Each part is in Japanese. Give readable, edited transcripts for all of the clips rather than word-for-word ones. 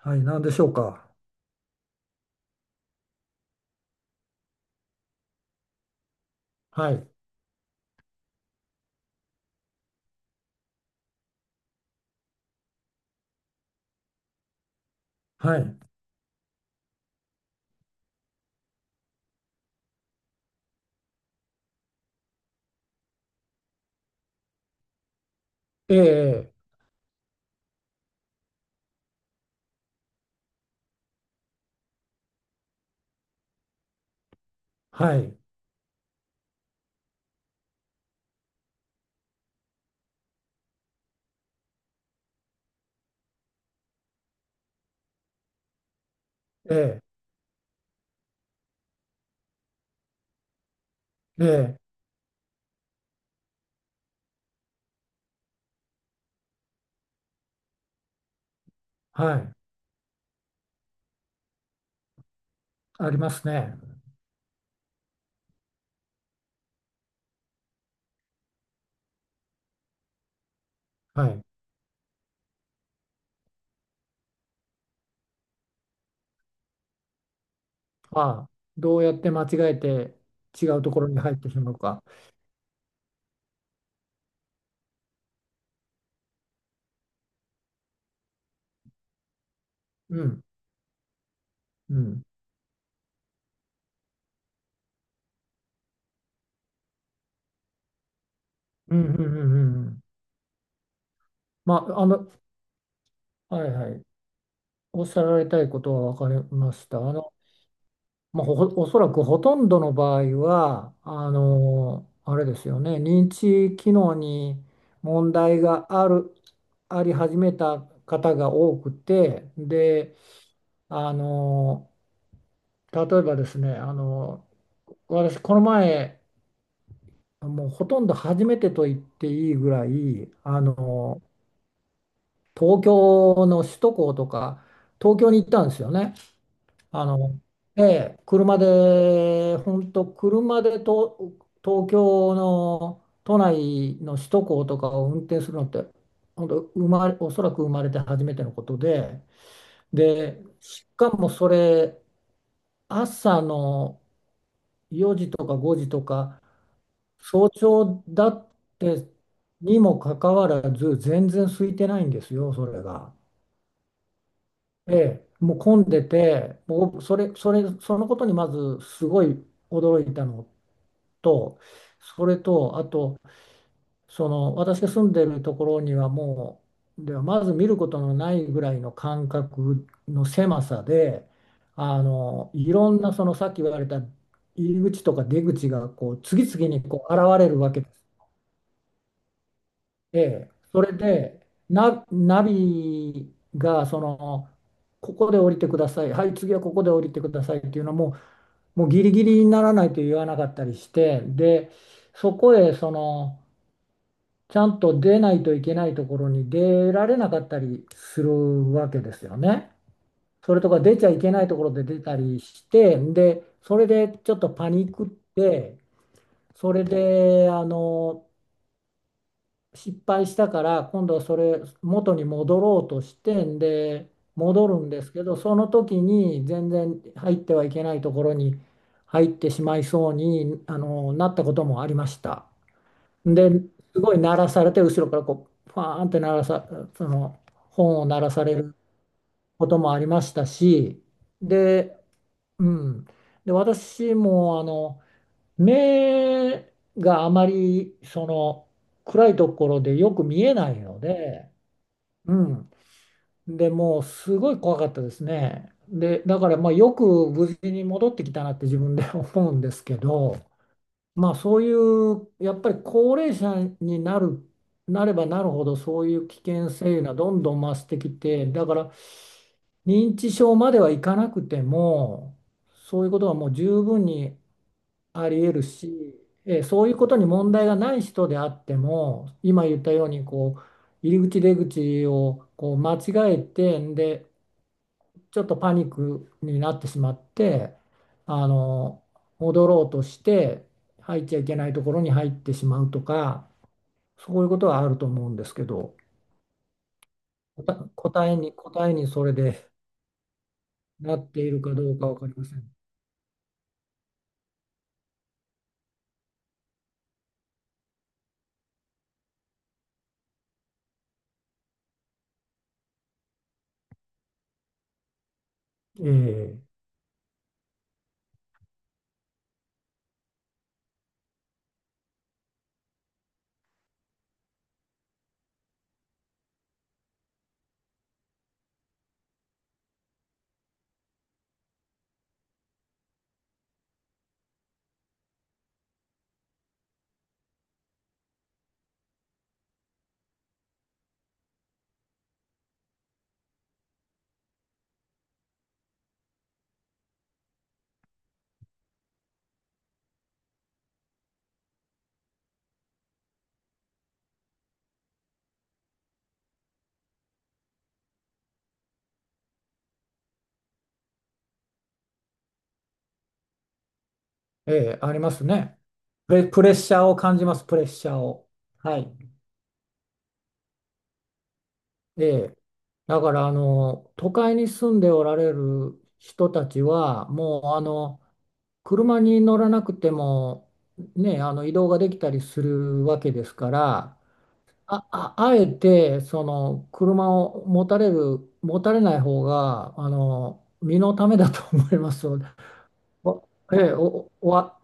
はい、何でしょうか。はい、はい、ええ、はい、ええ、ええ、はい、ありますね。はい。ああ、どうやって間違えて違うところに入ってしまうか。うん、うん、うん、うん、うん、うん。まあ、あの、はい、はい。おっしゃられたいことは分かりました。あの、まあ、おそらくほとんどの場合はあのあれですよね、認知機能に問題があり始めた方が多くて、で、あの、例えばですね、あの、私この前、もうほとんど初めてと言っていいぐらい、あの、東京の首都高とか東京に行ったんですよね。あの、ええ、車で、本当車で、と東京の都内の首都高とかを運転するのって、本当生まれ、おそらく生まれて初めてのことで、で、しかもそれ、朝の4時とか5時とか、早朝だって、にもかかわらず、全然空いてないんですよ、それが。ええ、もう混んでて、もうそのことにまずすごい驚いたのと、それと、あと、その私が住んでるところにはもう、ではまず見ることのないぐらいの間隔の狭さで、あの、いろんな、そのさっき言われた入り口とか出口がこう次々にこう現れるわけです。ええ、それでナビがその、ここで降りてください、はい、次はここで降りてくださいっていうのも、もうギリギリにならないと言わなかったりして、で、そこへその、ちゃんと出ないといけないところに出られなかったりするわけですよね。それとか出ちゃいけないところで出たりして、で、それでちょっとパニックって、それであの、失敗したから今度はそれ元に戻ろうとして、んで戻るんですけど、その時に全然入ってはいけないところに入ってしまいそうに、あの、なったこともありました。で、すごい鳴らされて、後ろからこうファーンって、鳴らさその、本を鳴らされることもありましたし、で、うん、で私もあの、目があまりその、暗いところでよく見えないので、うん、でもうすごい怖かったですね。で、だからまあよく無事に戻ってきたなって 自分で 思うんですけど、まあそういうやっぱり高齢者になる、なればなるほどそういう危険性がどんどん増してきて、だから認知症まではいかなくても、そういうことはもう十分にあり得るし、そういうことに問題がない人であっても、今言ったようにこう入り口出口をこう間違えて、で、ちょっとパニックになってしまって、あの、戻ろうとして入っちゃいけないところに入ってしまうとか、そういうことはあると思うんですけど、答答えにそれでなっているかどうか分かりません。ええええ、ありますね。プレッシャーを感じます、プレッシャーを。はい。ええ、だからあの都会に住んでおられる人たちはもう、あの、車に乗らなくても、ね、あの、移動ができたりするわけですから、あえてその車を持たれる、持たれない方があの身のためだと思いますので、わええ、おわ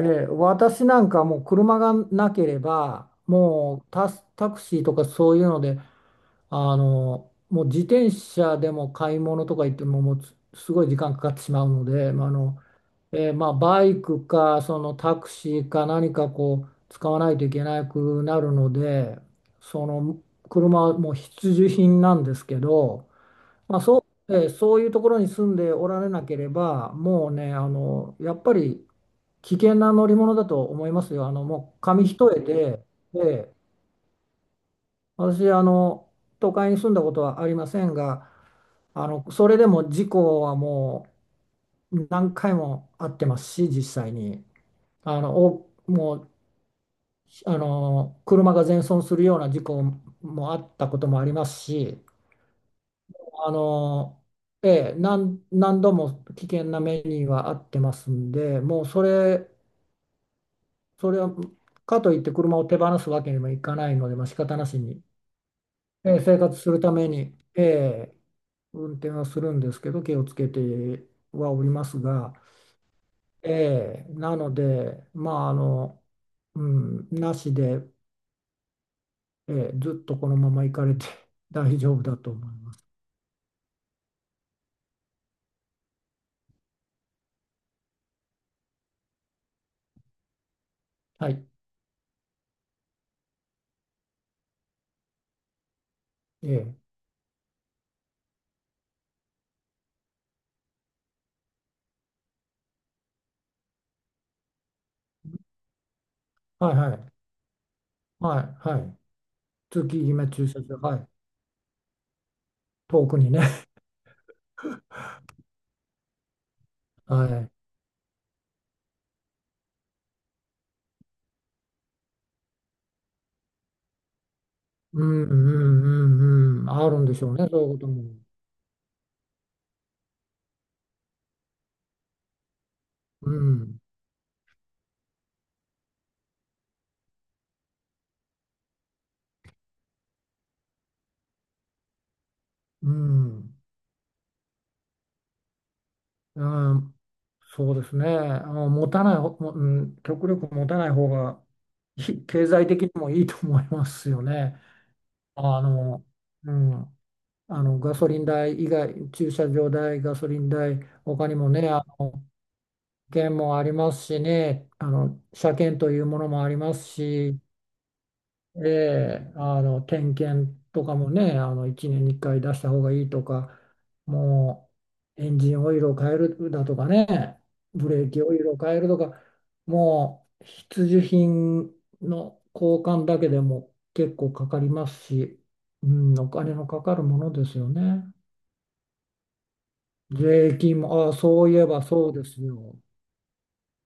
ええ、私なんかもう車がなければもうタクシーとかそういうので、あの、もう自転車でも買い物とか行っても、もうつすごい時間かかってしまうので、まあ、あの、まあ、バイクかそのタクシーか何かこう使わないといけなくなるので、その車はもう必需品なんですけど、まあそう、そういうところに住んでおられなければ、もうね、あの、やっぱり危険な乗り物だと思いますよ。あの、もう紙一重で、えー私、あの、都会に住んだことはありませんが、あの、それでも事故はもう何回もあってますし、実際に。あの、お、もう、あの、車が全損するような事故もあったこともありますし、あの、ええ、何度も危険な目にはあってますんで、もうそれ、それは、かといって車を手放すわけにもいかないので、まあ、仕方なしに、生活するために、運転はするんですけど、気をつけてはおりますが、なので、まあ、あの、うん、なしで、ずっとこのまま行かれて 大丈夫だと思います。はい。えー、はい、はい。はい。はい。通気決め駐車場。はい。遠くにね。はい。うん、うん、うん、うん。あるんでしょうね、そういうことも。うん。うん。うん、そうですね。あの持たない、ほうん、極力持たない方がい、経済的にもいいと思いますよね。あの、うん、あのガソリン代以外、駐車場代、ガソリン代、他にもね、あの保険もありますしね、あの車検というものもありますし、ええ、あの点検とかもね、あの1年に1回出した方がいいとか、もうエンジンオイルを変えるだとかね、ブレーキオイルを変えるとか、もう必需品の交換だけでも結構かかりますし、うん、お金のかかるものですよね。税金も、ああ、そういえばそうですよ。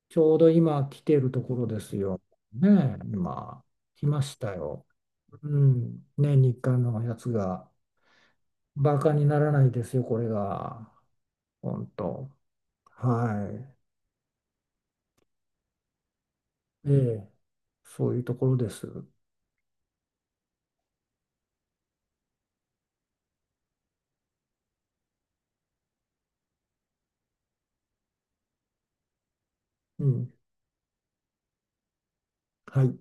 ちょうど今来てるところですよ。ねえ、今、来ましたよ。うん、年に1のやつが、バカにならないですよ、これが。本当。はい。ええ、そういうところです。うん。はい。